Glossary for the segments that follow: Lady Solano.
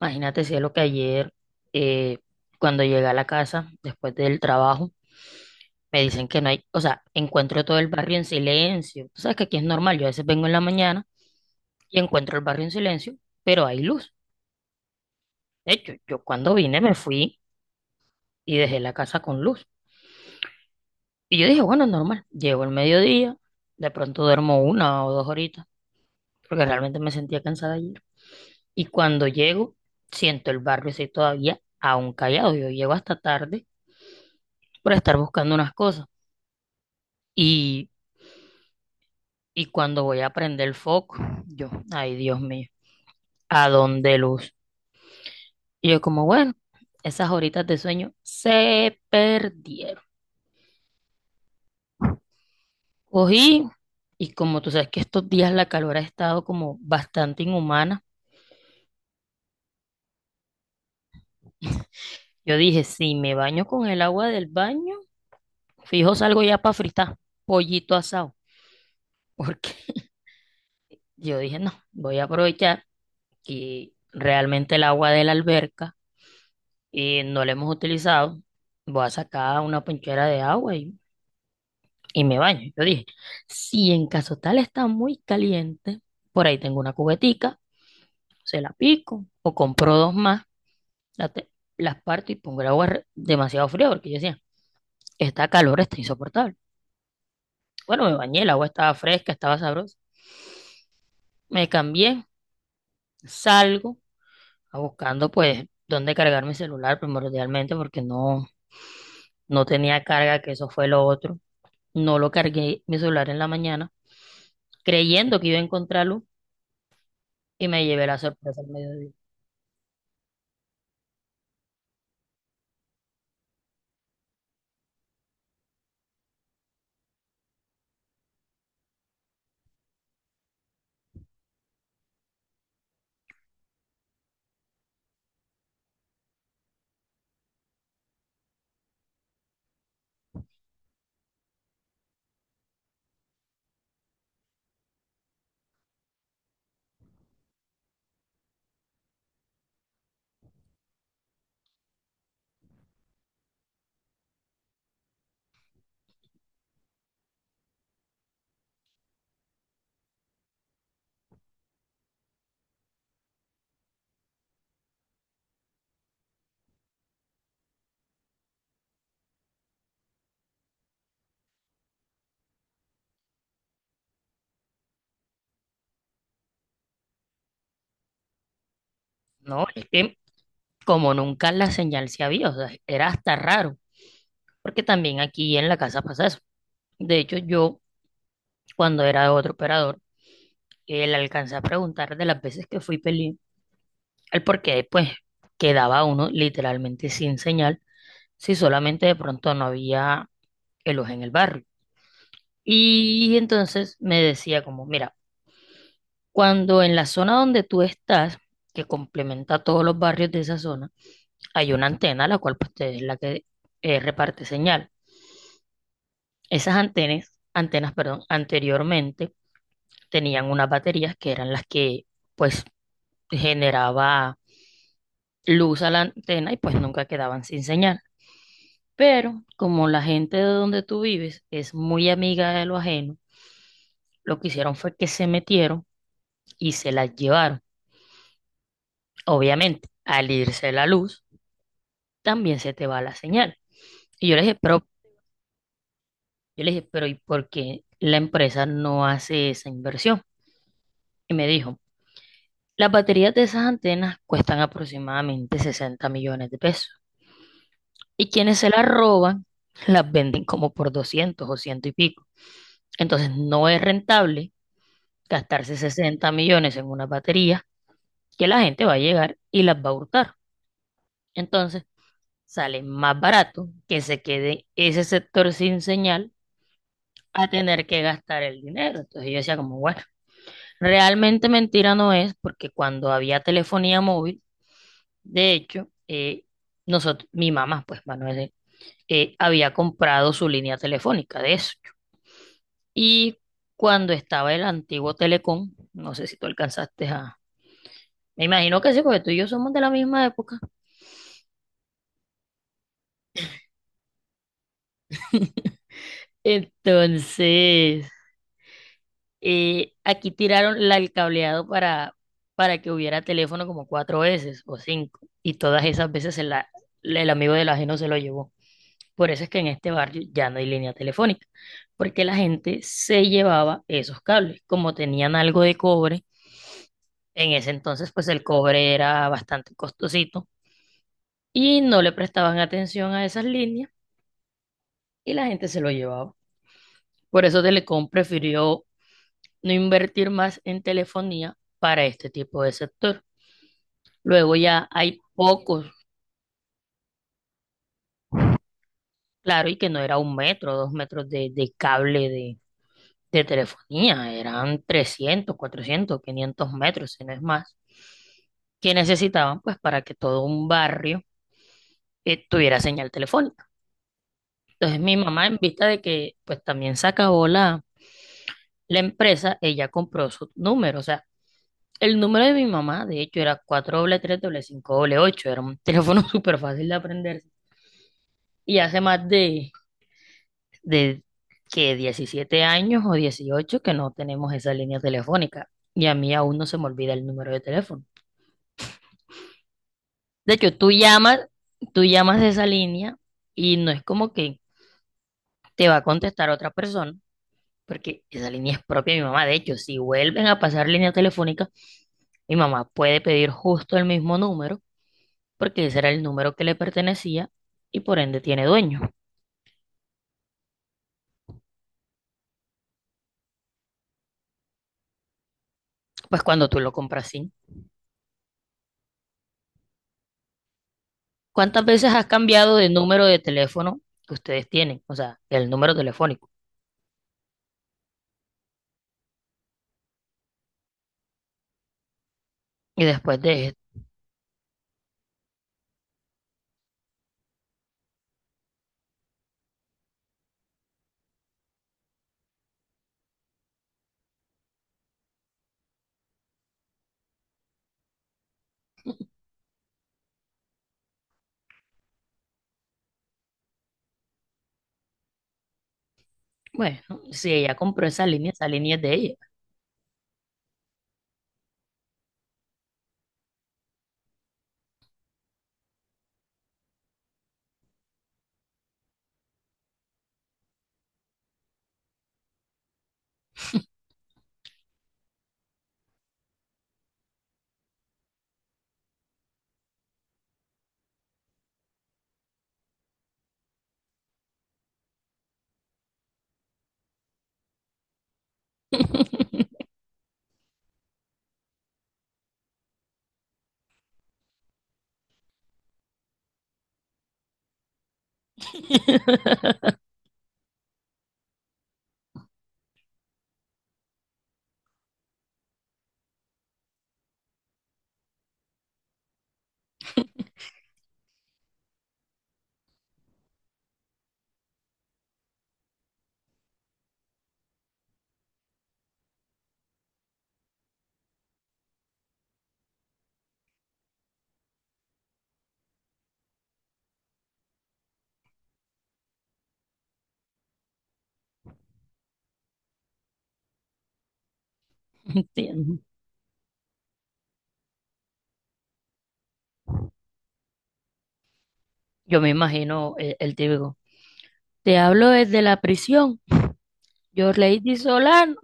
Imagínate, cielo, que ayer, eh, cuando llegué a la casa, después del trabajo, me dicen que no hay, o sea, encuentro todo el barrio en silencio. Tú sabes que aquí es normal, yo a veces vengo en la mañana y encuentro el barrio en silencio, pero hay luz. De hecho, yo cuando vine me fui y dejé la casa con luz. Y yo dije, bueno, normal, llego el mediodía, de pronto duermo una o dos horitas, porque realmente me sentía cansada ayer. Y cuando llego, siento el barrio así todavía aún callado. Yo llego hasta tarde por estar buscando unas cosas. Y Y cuando voy a prender el foco, yo, ay Dios mío, ¿a dónde luz? Y yo como, bueno, esas horitas de sueño se perdieron. Cogí y como tú sabes que estos días la calor ha estado como bastante inhumana, yo dije, si me baño con el agua del baño, fijo salgo ya para fritar pollito asado, porque yo dije, no, voy a aprovechar que realmente el agua de la alberca no la hemos utilizado, voy a sacar una ponchera de agua y me baño. Yo dije, si en caso tal está muy caliente, por ahí tengo una cubetica, se la pico o compro dos más, la te- las parto y pongo el agua demasiado fría porque yo decía, está calor está insoportable. Bueno, me bañé, el agua estaba fresca, estaba sabrosa. Me cambié, salgo a buscando pues dónde cargar mi celular primordialmente porque no tenía carga, que eso fue lo otro. No lo cargué mi celular en la mañana creyendo que iba a encontrarlo y me llevé la sorpresa al mediodía. No, es que como nunca la señal se había, o sea, era hasta raro, porque también aquí en la casa pasa eso. De hecho, yo cuando era otro operador, le alcancé a preguntar de las veces que fui peli, el por qué pues quedaba uno literalmente sin señal, si solamente de pronto no había ellos en el barrio. Y entonces me decía como, mira, cuando en la zona donde tú estás, que complementa todos los barrios de esa zona, hay una antena, la cual pues, es la que reparte señal. Esas antenas, perdón, anteriormente tenían unas baterías que eran las que pues generaba luz a la antena y pues nunca quedaban sin señal. Pero como la gente de donde tú vives es muy amiga de lo ajeno, lo que hicieron fue que se metieron y se las llevaron. Obviamente, al irse la luz, también se te va la señal. Y yo le dije, pero, yo le dije, pero ¿y por qué la empresa no hace esa inversión? Y me dijo, las baterías de esas antenas cuestan aproximadamente 60 millones de pesos. Y quienes se las roban, las venden como por 200 o ciento y pico. Entonces no es rentable gastarse 60 millones en una batería que la gente va a llegar y las va a hurtar. Entonces sale más barato que se quede ese sector sin señal a tener que gastar el dinero. Entonces yo decía como, bueno, realmente mentira no es porque cuando había telefonía móvil, de hecho, nosotros, mi mamá, pues Manuel, había comprado su línea telefónica, de eso. Y cuando estaba el antiguo Telecom, no sé si tú alcanzaste a... Me imagino que sí, porque tú y yo somos de la misma época. Entonces, aquí tiraron la, el cableado para que hubiera teléfono como cuatro veces o cinco. Y todas esas veces el amigo del ajeno se lo llevó. Por eso es que en este barrio ya no hay línea telefónica, porque la gente se llevaba esos cables. Como tenían algo de cobre, en ese entonces pues el cobre era bastante costosito y no le prestaban atención a esas líneas y la gente se lo llevaba. Por eso Telecom prefirió no invertir más en telefonía para este tipo de sector. Luego ya hay pocos, claro, y que no era un metro, dos metros de cable de telefonía, eran 300, 400, 500 metros, si no es más, que necesitaban pues para que todo un barrio tuviera señal telefónica. Entonces mi mamá, en vista de que pues también se acabó la empresa, ella compró su número, o sea, el número de mi mamá, de hecho, era 433-588, era un teléfono súper fácil de aprenderse. Y hace más de que 17 años o 18 que no tenemos esa línea telefónica. Y a mí aún no se me olvida el número de teléfono. De hecho, tú llamas de esa línea y no es como que te va a contestar otra persona, porque esa línea es propia de mi mamá. De hecho, si vuelven a pasar línea telefónica, mi mamá puede pedir justo el mismo número, porque ese era el número que le pertenecía y por ende tiene dueño. Pues cuando tú lo compras sin. ¿Cuántas veces has cambiado de número de teléfono que ustedes tienen? O sea, el número telefónico. Y después de esto, bueno, si ella compró esa línea es de ella. Entiendo. Yo me imagino el, típico. Te hablo desde la prisión. Yo, Lady Solano.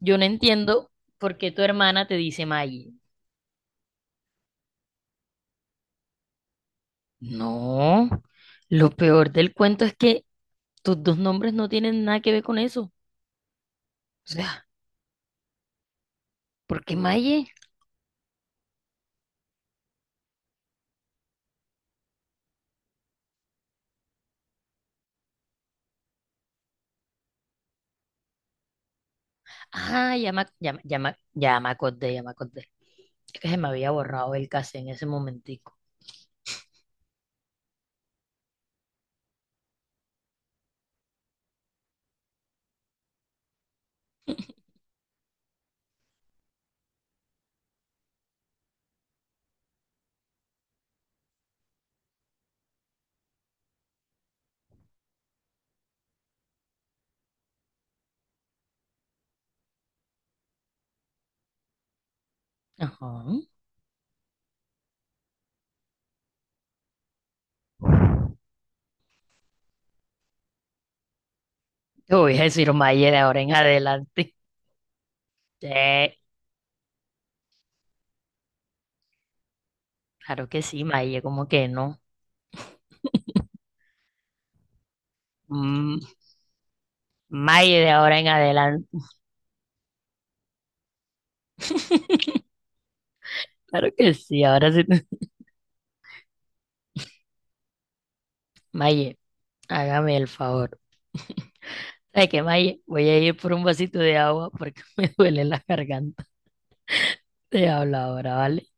Yo no entiendo por qué tu hermana te dice Maggie. No. Lo peor del cuento es que tus dos nombres no tienen nada que ver con eso. O sea, ¿por qué Maggie? Ah, ya me acordé, ya me acordé. Es que se me había borrado el cassette en ese momentico. Ajá. Te voy a decir Maggie de ahora en adelante. Sí, claro que sí, Maye, como que no. Mm, Maye de ahora en adelante. Claro que sí, ahora sí. Maye, hágame el favor. ¿Sabes qué, Maye? Voy a ir por un vasito de agua porque me duele la garganta. Te hablo ahora, ¿vale?